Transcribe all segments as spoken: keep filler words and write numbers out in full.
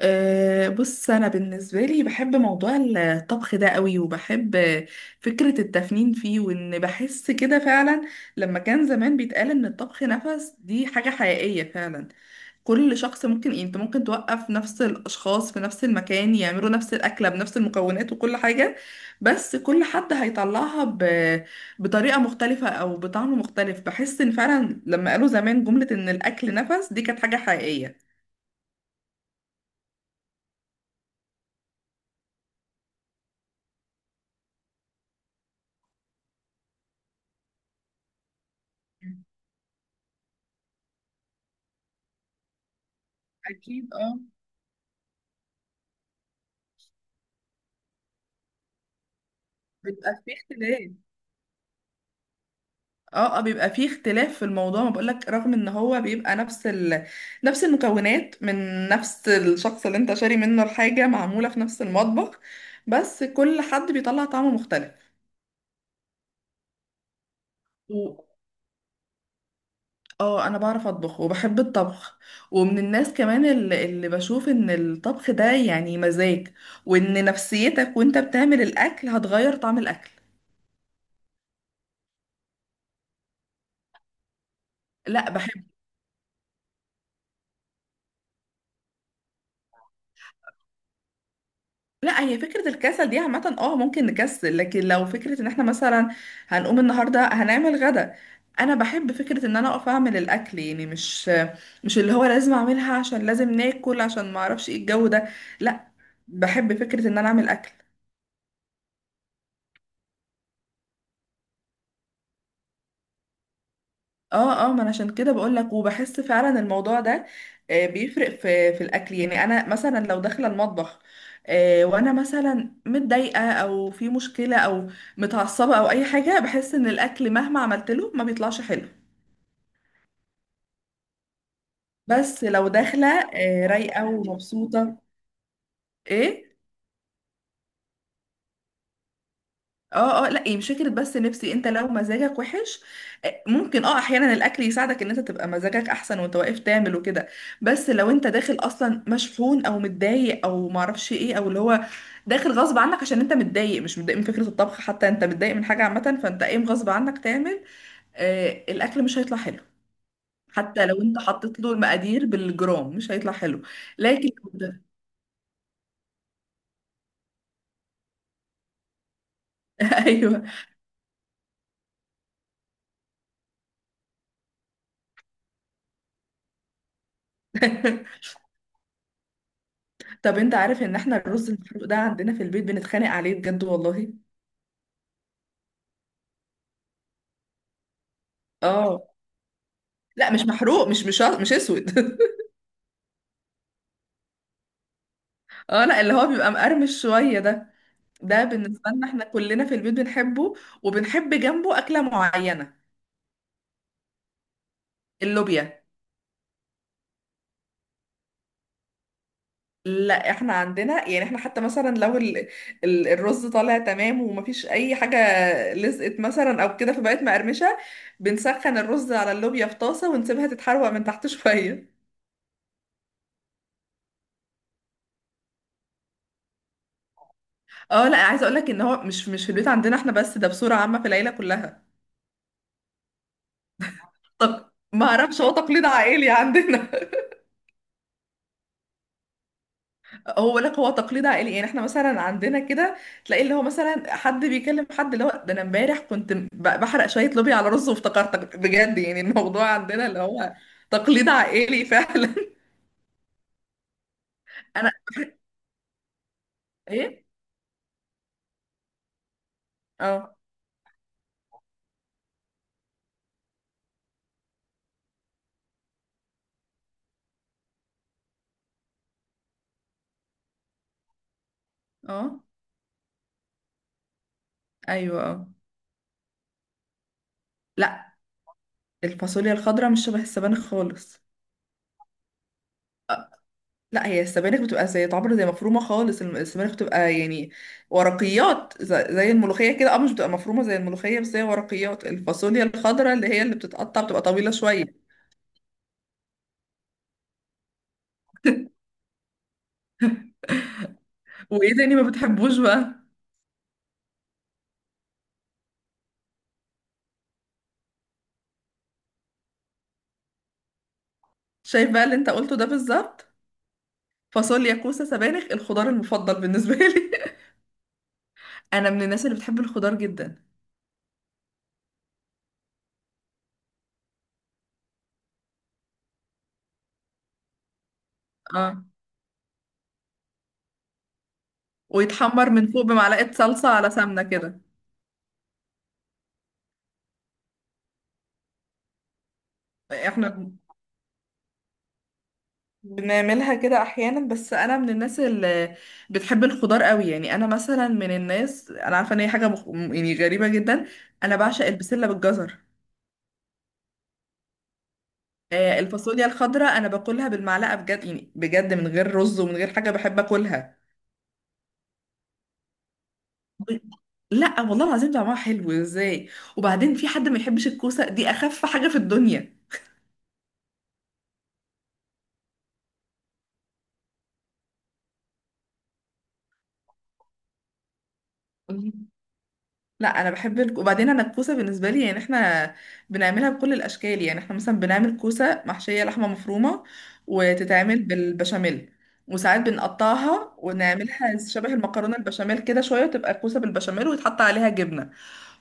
أه، بص، أنا بالنسبة لي بحب موضوع الطبخ ده قوي وبحب فكرة التفنين فيه، وإن بحس كده فعلا لما كان زمان بيتقال إن الطبخ نفس دي حاجة حقيقية. فعلا كل شخص ممكن، يعني أنت ممكن توقف نفس الأشخاص في نفس المكان يعملوا نفس الأكلة بنفس المكونات وكل حاجة، بس كل حد هيطلعها ب... بطريقة مختلفة أو بطعم مختلف. بحس إن فعلا لما قالوا زمان جملة إن الأكل نفس دي كانت حاجة حقيقية. أكيد اه. بيبقى فيه اختلاف. اه اه، بيبقى فيه اختلاف في الموضوع ما بقولك، رغم ان هو بيبقى نفس ال... نفس المكونات من نفس الشخص اللي انت شاري منه الحاجة، معمولة في نفس المطبخ، بس كل حد بيطلع طعم مختلف. و... اه، انا بعرف اطبخ وبحب الطبخ، ومن الناس كمان اللي, اللي بشوف ان الطبخ ده يعني مزاج، وان نفسيتك وانت بتعمل الاكل هتغير طعم الاكل. لا، بحب. لا، هي فكرة الكسل دي عامة، اه ممكن نكسل، لكن لو فكرة ان احنا مثلا هنقوم النهاردة هنعمل غدا، انا بحب فكرة ان انا اقف اعمل الاكل. يعني مش مش اللي هو لازم اعملها عشان لازم ناكل، عشان ما اعرفش ايه الجو ده. لا، بحب فكرة ان انا اعمل اكل. اه اه، ما انا عشان كده بقول لك، وبحس فعلا الموضوع ده آه، بيفرق في في الاكل. يعني انا مثلا لو داخله المطبخ آه، وانا مثلا متضايقه، او في مشكله، او متعصبه، او اي حاجه، بحس ان الاكل مهما عملت له ما بيطلعش حلو. بس لو داخله آه، رايقه ومبسوطه. ايه. اه اه، لا إيه، مش فكره، بس نفسي انت لو مزاجك وحش آه، ممكن، اه احيانا الاكل يساعدك ان انت تبقى مزاجك احسن وانت واقف تعمل وكده. بس لو انت داخل اصلا مشحون او متضايق او معرفش ايه، او اللي هو داخل غصب عنك، عشان انت متضايق، مش متضايق من فكره الطبخ، حتى انت متضايق من حاجه عامه، فانت قايم غصب عنك تعمل. آه الاكل مش هيطلع حلو. حتى لو انت حطيت له المقادير بالجرام مش هيطلع حلو. لكن ايوه. طب انت عارف ان احنا الرز المحروق ده عندنا في البيت بنتخانق عليه بجد والله. اه، لا مش محروق، مش مش مش اسود. اه، لا اللي هو بيبقى مقرمش شويه ده. ده بالنسبه لنا احنا كلنا في البيت بنحبه، وبنحب جنبه اكله معينه. اللوبيا. لا، احنا عندنا يعني احنا حتى مثلا لو ال... ال... الرز طالع تمام ومفيش اي حاجه لزقت مثلا او كده فبقت مقرمشه، بنسخن الرز على اللوبيا في طاسه ونسيبها تتحروق من تحت شويه. اه، لا عايزه اقول لك ان هو مش مش في البيت عندنا احنا بس، ده بصوره عامه في العيله كلها. طب ما اعرفش، هو تقليد عائلي عندنا. هو لك، هو تقليد عائلي. يعني احنا مثلا عندنا كده تلاقي اللي هو مثلا حد بيكلم حد اللي هو: ده انا امبارح كنت ب- بحرق شويه لوبيا على رز، وافتكرتك بجد. يعني الموضوع عندنا اللي هو تقليد عائلي فعلا. انا. ايه. اه اه. ايوه. اه. لا، الفاصوليا الخضراء مش شبه السبانخ خالص. لا، هي السبانخ بتبقى زي تعبر، زي مفرومه خالص. الم- السبانخ بتبقى يعني ورقيات، ز- زي الملوخيه كده. اه، مش بتبقى مفرومه زي الملوخيه، بس هي ورقيات. الفاصوليا الخضراء اللي هي اللي بتتقطع بتبقى طويله شويه. وايه تاني ما بتحبوش بقى؟ شايف بقى اللي انت قلته ده بالظبط. فاصوليا، كوسه، سبانخ، الخضار المفضل بالنسبه لي. انا من الناس اللي بتحب الخضار جدا. اه. ويتحمر من فوق بمعلقه صلصه على سمنه كده. احنا بنعملها كده احيانا، بس انا من الناس اللي بتحب الخضار قوي. يعني انا مثلا من الناس، انا عارفه ان هي حاجه مخ... يعني غريبه جدا. انا بعشق البسله بالجزر. آه، الفاصوليا الخضراء انا باكلها بالمعلقه بجد، يعني بجد من غير رز ومن غير حاجه بحب اكلها. لا والله العظيم طعمها حلو ازاي. وبعدين في حد ما يحبش الكوسه دي؟ اخف حاجه في الدنيا. مم. لا، انا بحب الك... وبعدين انا الكوسه بالنسبه لي، يعني احنا بنعملها بكل الاشكال. يعني احنا مثلا بنعمل كوسه محشيه لحمه مفرومه وتتعمل بالبشاميل، وساعات بنقطعها ونعملها شبه المكرونه البشاميل كده شويه، وتبقى كوسه بالبشاميل ويتحط عليها جبنه.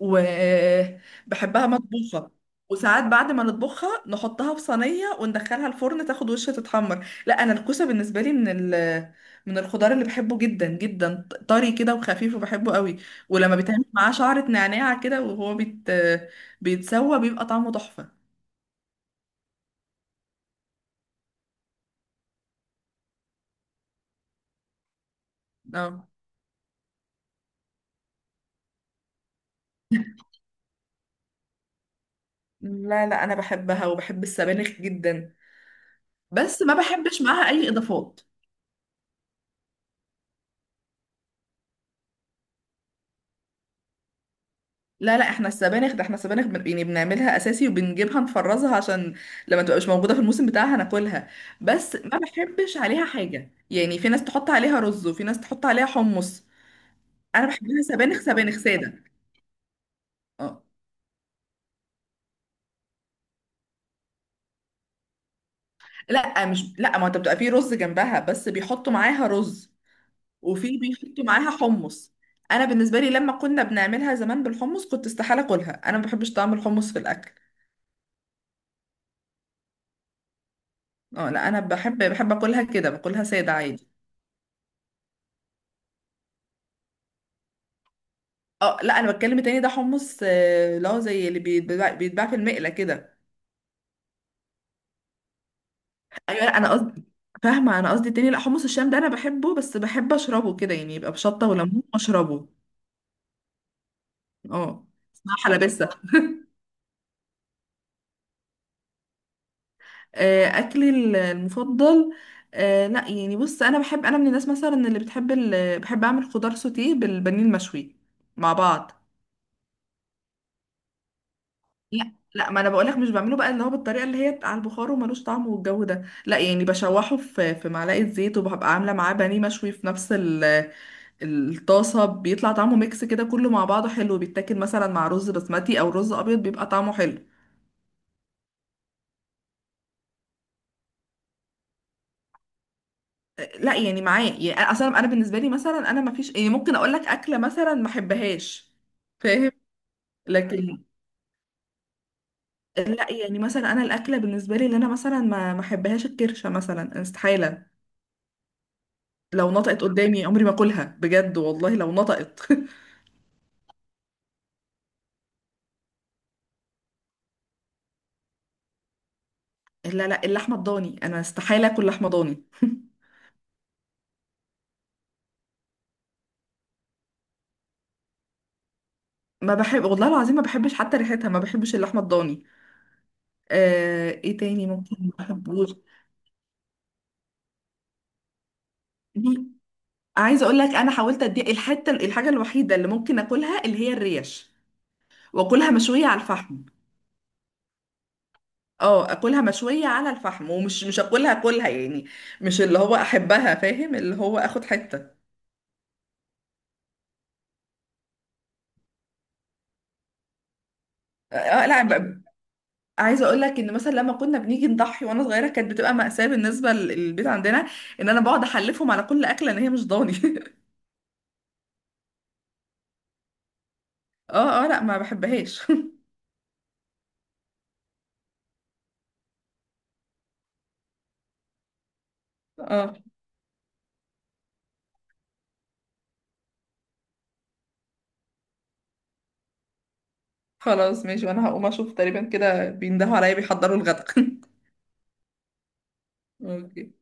وبحبها مطبوخة. وساعات بعد ما نطبخها نحطها في صينية وندخلها الفرن تاخد وش تتحمر. لا، انا الكوسة بالنسبة لي من ال من الخضار اللي بحبه جدا جدا. طري كده وخفيف، وبحبه قوي. ولما بيتعمل معاه شعرة نعناع كده وهو بيت بيتسوى، بيبقى طعمه تحفة. اه. لا لا، انا بحبها، وبحب السبانخ جدا، بس ما بحبش معاها اي اضافات. لا لا، احنا السبانخ ده، احنا السبانخ بن... يعني بنعملها اساسي، وبنجيبها نفرزها عشان لما تبقى مش موجوده في الموسم بتاعها ناكلها. بس ما بحبش عليها حاجه، يعني في ناس تحط عليها رز، وفي ناس تحط عليها حمص. انا بحبها سبانخ، سبانخ ساده. اه. لا مش، لا ما انت بتبقى في رز جنبها، بس بيحطوا معاها رز، وفي بيحطوا معاها حمص. انا بالنسبه لي لما كنا بنعملها زمان بالحمص كنت استحاله اكلها، انا ما بحبش طعم الحمص في الاكل. اه، لا انا بحب بحب اكلها كده، باكلها ساده عادي. اه، لا انا بتكلم التاني ده، حمص آه، اللي هو زي اللي بيتباع بيتباع في المقلة كده. ايوه، لا انا قصدي، فاهمة؟ انا قصدي التاني. لا، حمص الشام ده انا بحبه، بس بحب اشربه كده، يعني يبقى بشطة وليمون واشربه. اه، اسمها حلبسة. آه، اكلي ال- المفضل. آه، لا يعني بص، انا بحب، انا من الناس مثلا اللي بتحب ال... بحب اعمل خضار سوتيه بالبانيه المشوي مع بعض. لا لا، ما انا بقولك مش بعمله بقى اللي هو بالطريقه اللي هي على البخار وملوش طعم والجو ده، لا. يعني بشوحه في في معلقه زيت، وببقى عامله معاه بانيه مشوي في نفس ال- الطاسه، بيطلع طعمه ميكس كده كله مع بعضه حلو. بيتاكل مثلا مع رز بسمتي او رز ابيض، بيبقى طعمه حلو. لا يعني معاه يعني أنا- اصلا انا بالنسبه لي مثلا، انا ما فيش يعني ممكن اقول لك اكله مثلا ما احبهاش، فاهم؟ لكن، لا يعني مثلا انا الاكله بالنسبه لي اللي انا مثلا ما ما احبهاش الكرشه مثلا، استحاله. لو نطقت قدامي عمري ما اكلها، بجد والله لو نطقت. لا لا، اللحمه الضاني انا استحاله اكل لحمه ضاني. ما بحب، والله العظيم ما بحبش حتى ريحتها، ما بحبش اللحمه الضاني. آه... ايه تاني ممكن ما بحبوش؟ دي، عايزه اقول لك انا حاولت، ادي الحته، الحاجه الوحيده اللي ممكن اكلها اللي هي الريش، واكلها مشويه على الفحم. اه، اكلها مشويه على الفحم، ومش مش اكلها اكلها يعني، مش اللي هو احبها، فاهم؟ اللي هو اخد حته. آه آه، لا، عايزه اقول لك ان مثلا لما كنا بنيجي نضحي وانا صغيره كانت بتبقى مأساة بالنسبه للبيت عندنا، ان انا بقعد احلفهم على كل اكله ان هي مش ضاني. اه اه، لا ما بحبهاش. اه خلاص، ماشي، وانا هقوم اشوف تقريبا كده بيندهوا عليا بيحضروا الغدا. اوكي.